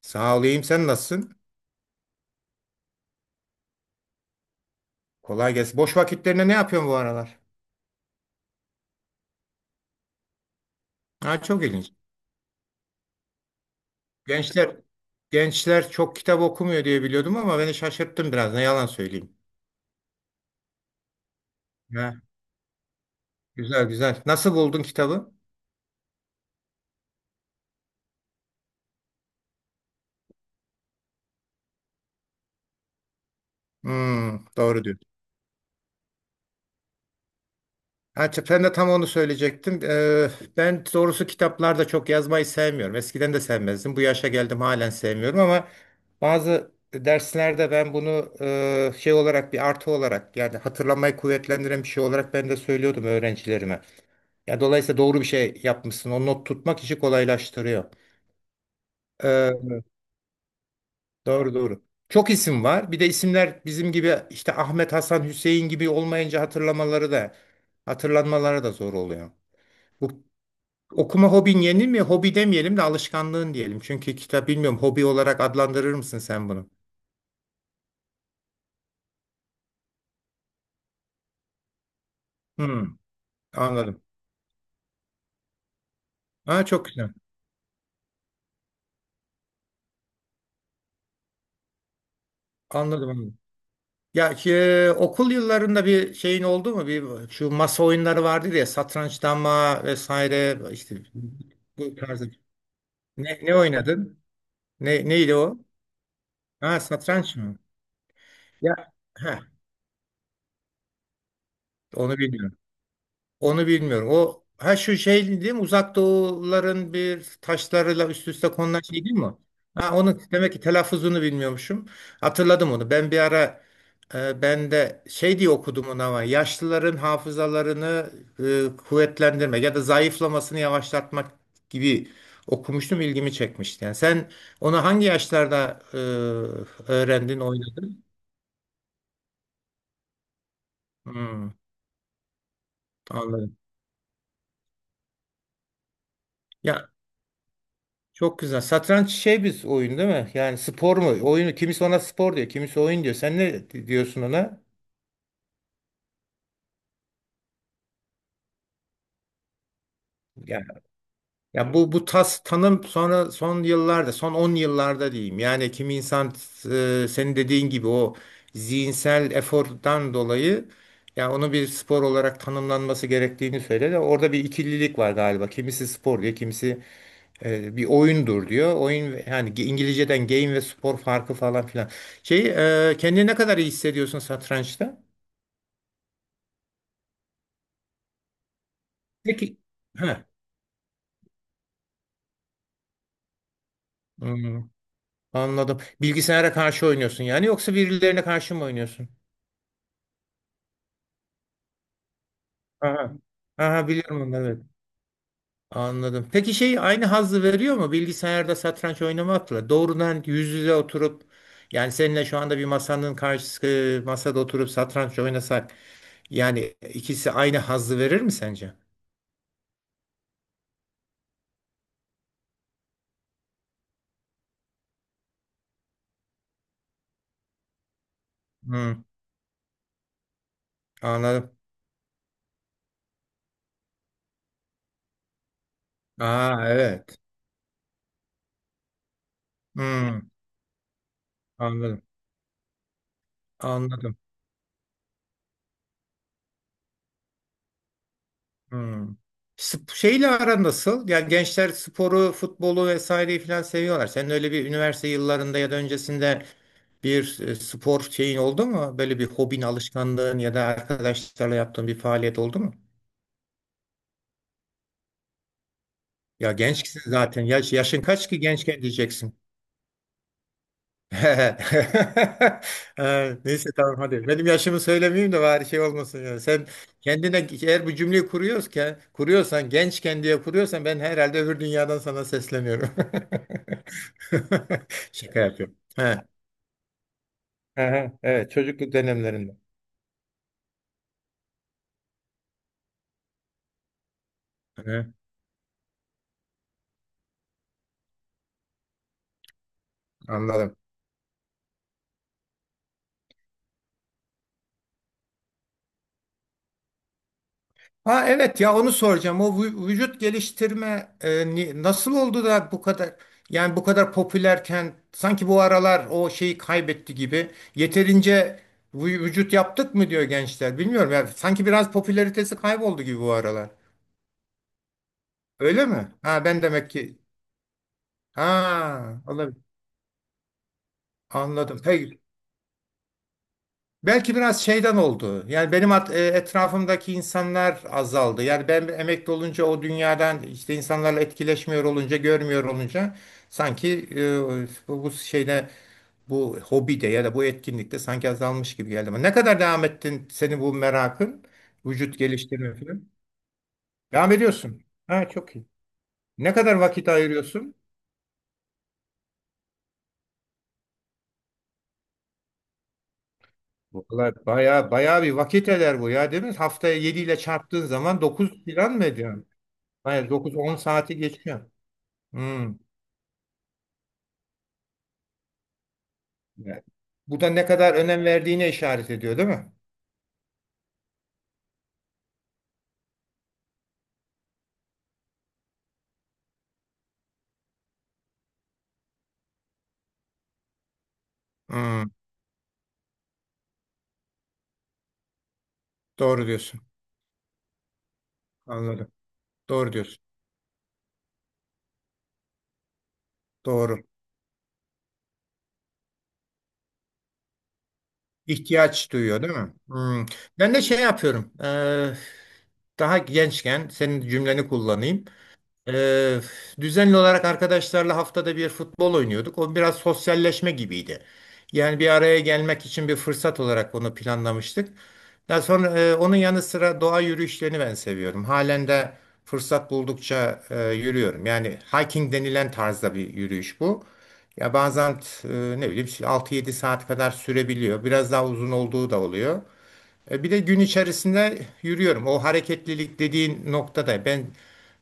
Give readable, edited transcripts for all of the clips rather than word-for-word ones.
Sağ olayım. Sen nasılsın? Kolay gelsin. Boş vakitlerinde ne yapıyorsun bu aralar? Ha, çok ilginç. Gençler gençler çok kitap okumuyor diye biliyordum ama beni şaşırttın biraz. Ne yalan söyleyeyim. Ha, güzel güzel. Nasıl buldun kitabı? Hmm, doğru diyorsun. Ha, ben de tam onu söyleyecektim. Ben doğrusu kitaplarda çok yazmayı sevmiyorum. Eskiden de sevmezdim. Bu yaşa geldim halen sevmiyorum ama bazı derslerde ben bunu şey olarak bir artı olarak yani hatırlamayı kuvvetlendiren bir şey olarak ben de söylüyordum öğrencilerime. Ya dolayısıyla doğru bir şey yapmışsın. O not tutmak işi kolaylaştırıyor. Eee, doğru doğru. Çok isim var. Bir de isimler bizim gibi işte Ahmet, Hasan, Hüseyin gibi olmayınca hatırlamaları da hatırlanmaları da zor oluyor. Bu okuma hobin yeni mi? Hobi demeyelim de alışkanlığın diyelim. Çünkü kitap bilmiyorum. Hobi olarak adlandırır mısın sen bunu? Hmm, anladım. Ha, çok güzel. Anladım, anladım. Ya ki okul yıllarında bir şeyin oldu mu? Bir şu masa oyunları vardı ya satranç, dama vesaire işte bu tarzda. Ne oynadın? Neydi o? Ha, satranç mı? Ya ha, onu bilmiyorum. Onu bilmiyorum. O ha şu şey değil mi? Uzak Doğuların bir taşlarıyla üst üste konulan şey değil mi o? Ha onu demek ki telaffuzunu bilmiyormuşum. Hatırladım onu. Ben bir ara ben de şey diye okudum onu ama yaşlıların hafızalarını kuvvetlendirmek ya da zayıflamasını yavaşlatmak gibi okumuştum. İlgimi çekmişti. Yani sen onu hangi yaşlarda öğrendin, oynadın? Hmm, anladım. Ya, çok güzel. Satranç şey bir oyun değil mi? Yani spor mu? Oyunu kimisi ona spor diyor, kimisi oyun diyor. Sen ne diyorsun ona? Yani ya bu tas tanım sonra son yıllarda, son 10 yıllarda diyeyim. Yani kimi insan senin dediğin gibi o zihinsel efordan dolayı ya onu bir spor olarak tanımlanması gerektiğini söyledi. Orada bir ikililik var galiba. Kimisi spor diyor, kimisi bir oyundur diyor. Oyun yani İngilizceden game ve spor farkı falan filan. Şey kendini ne kadar iyi hissediyorsun satrançta? Peki. Heh. Hmm, anladım. Bilgisayara karşı oynuyorsun yani yoksa birilerine karşı mı oynuyorsun? Aha. Aha, biliyorum onları. Evet. Anladım. Peki şey aynı hazzı veriyor mu bilgisayarda satranç oynamakla? Doğrudan yüz yüze oturup yani seninle şu anda bir masanın karşısı masada oturup satranç oynasak yani ikisi aynı hazzı verir mi sence? Anladım. Aa, evet. Hmm, anladım. Anladım. Hmm. Şeyle aran nasıl? Yani gençler sporu, futbolu vesaireyi falan seviyorlar. Senin öyle bir üniversite yıllarında ya da öncesinde bir spor şeyin oldu mu? Böyle bir hobin, alışkanlığın ya da arkadaşlarla yaptığın bir faaliyet oldu mu? Ya gençsin zaten. Yaşın kaç ki gençken diyeceksin. Ha, neyse tamam hadi. Benim yaşımı söylemeyeyim de bari şey olmasın yani. Sen kendine eğer bu cümleyi kuruyorsan, gençken diye kuruyorsan ben herhalde öbür dünyadan sana sesleniyorum. Şaka yapıyorum. Ha. Aha, evet, çocukluk dönemlerinde. Aha, anladım. Ha, evet, ya onu soracağım. O vücut geliştirme nasıl oldu da bu kadar yani bu kadar popülerken sanki bu aralar o şeyi kaybetti gibi. Yeterince vücut yaptık mı diyor gençler. Bilmiyorum ya, sanki biraz popülaritesi kayboldu gibi bu aralar. Öyle mi? Ha, ben demek ki ha, olabilir. Anladım. Peki. Belki biraz şeyden oldu. Yani benim etrafımdaki insanlar azaldı. Yani ben emekli olunca o dünyadan işte insanlarla etkileşmiyor olunca, görmüyor olunca sanki bu şeyde bu hobide ya da bu etkinlikte sanki azalmış gibi geldi. Ama ne kadar devam ettin senin bu merakın, vücut geliştirme falan? Devam ediyorsun. Ha, çok iyi. Ne kadar vakit ayırıyorsun? Vallahi bayağı bayağı bir vakit eder bu ya, değil mi? Haftaya 7 ile çarptığın zaman 9 falan mı ediyorsun? Hayır, dokuz on saati geçiyor. Hmm. Evet. Bu da ne kadar önem verdiğine işaret ediyor, değil mi? Hmm. Doğru diyorsun. Anladım. Doğru diyorsun. Doğru. İhtiyaç duyuyor, değil mi? Hmm. Ben de şey yapıyorum. Daha gençken senin cümleni kullanayım. Ee, düzenli olarak arkadaşlarla haftada bir futbol oynuyorduk. O biraz sosyalleşme gibiydi. Yani bir araya gelmek için bir fırsat olarak onu planlamıştık. Daha sonra onun yanı sıra doğa yürüyüşlerini ben seviyorum. Halen de fırsat buldukça yürüyorum. Yani hiking denilen tarzda bir yürüyüş bu. Ya bazen ne bileyim 6-7 saat kadar sürebiliyor. Biraz daha uzun olduğu da oluyor. Bir de gün içerisinde yürüyorum. O hareketlilik dediğin noktada ben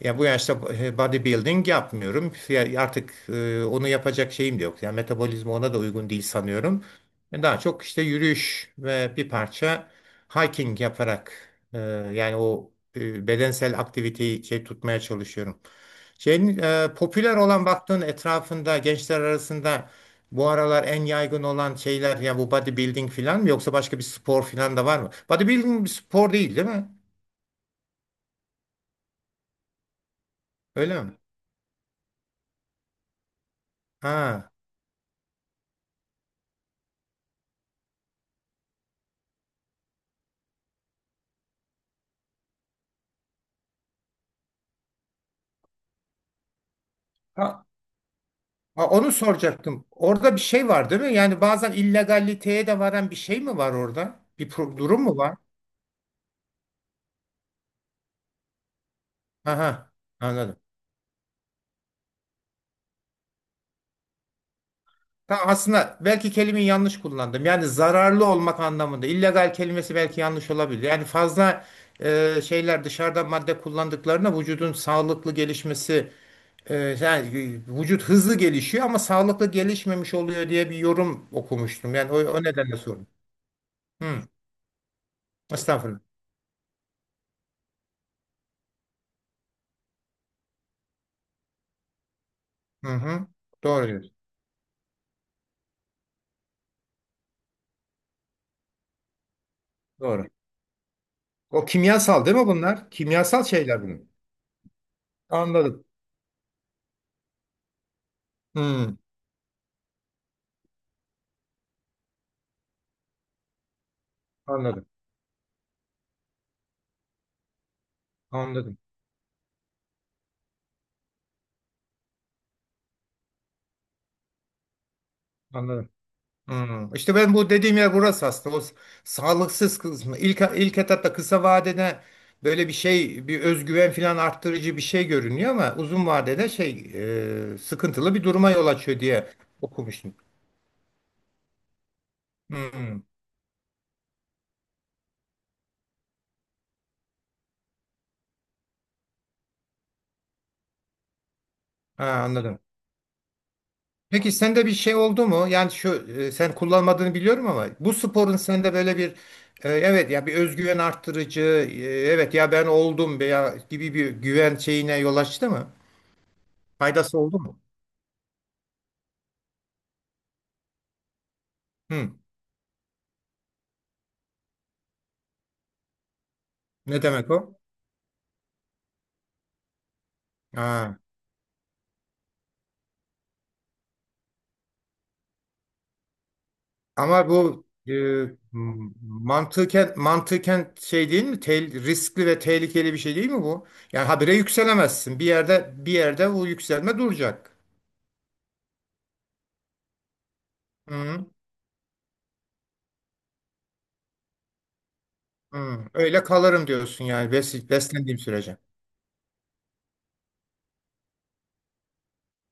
ya bu yaşta bodybuilding yapmıyorum. Ya artık onu yapacak şeyim de yok. Yani metabolizma ona da uygun değil sanıyorum. Daha çok işte yürüyüş ve bir parça hiking yaparak e, yani bedensel aktiviteyi şey tutmaya çalışıyorum. Şeyin popüler olan baktığın etrafında gençler arasında bu aralar en yaygın olan şeyler ya bu bodybuilding falan mı yoksa başka bir spor falan da var mı? Bodybuilding bir spor değil, değil mi? Öyle mi? Ha. Ha, onu soracaktım. Orada bir şey var, değil mi? Yani bazen illegaliteye de varan bir şey mi var orada? Bir durum mu var? Aha, anladım. Ta aslında belki kelimeyi yanlış kullandım. Yani zararlı olmak anlamında. İllegal kelimesi belki yanlış olabilir. Yani fazla şeyler dışarıdan madde kullandıklarına vücudun sağlıklı gelişmesi yani vücut hızlı gelişiyor ama sağlıklı gelişmemiş oluyor diye bir yorum okumuştum. Yani o, o nedenle sordum. Hı, estağfurullah. Hı hı. Doğru diyorsun. Doğru. O kimyasal değil mi bunlar? Kimyasal şeyler bunlar. Anladım. Hmm, anladım. Anladım. Anladım. Hmm. İşte ben bu dediğim yer burası aslında. O sağlıksız kısmı. İlk etapta kısa vadede böyle bir şey, bir özgüven falan arttırıcı bir şey görünüyor ama uzun vadede şey, sıkıntılı bir duruma yol açıyor diye okumuştum. Hmm. Ha, anladım. Peki sende bir şey oldu mu? Yani şu sen kullanmadığını biliyorum ama bu sporun sende böyle bir evet ya bir özgüven arttırıcı, evet ya ben oldum veya gibi bir güven şeyine yol açtı mı? Faydası oldu mu? Hı. Ne demek o? Ha. Ama bu mantıken şey değil mi? Riskli ve tehlikeli bir şey değil mi bu? Yani habire yükselemezsin. Bir yerde bu yükselme duracak. Hı, hı. Öyle kalırım diyorsun yani beslendiğim sürece.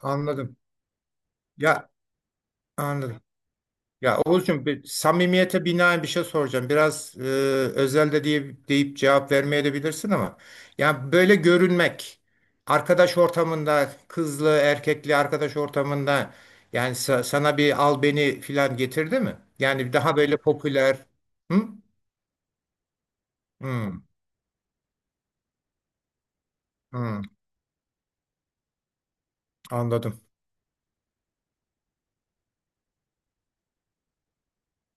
Anladım. Ya, anladım. Ya Oğuzcum, bir samimiyete binaen bir şey soracağım. Biraz özel de diye, deyip cevap vermeye de ama ya böyle görünmek arkadaş ortamında kızlı erkekli arkadaş ortamında yani sana bir al beni filan getirdi mi? Yani daha böyle popüler. Hı? Hı, hı, anladım.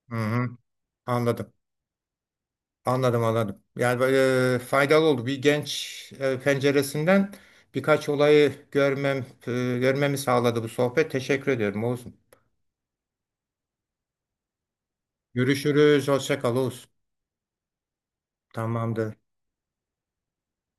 Hı hı, anladım. Anladım, anladım. Yani böyle faydalı oldu. Bir genç penceresinden birkaç olayı görmemi sağladı bu sohbet. Teşekkür ediyorum Oğuz'um. Görüşürüz. Hoşça kal Oğuz. Tamamdır.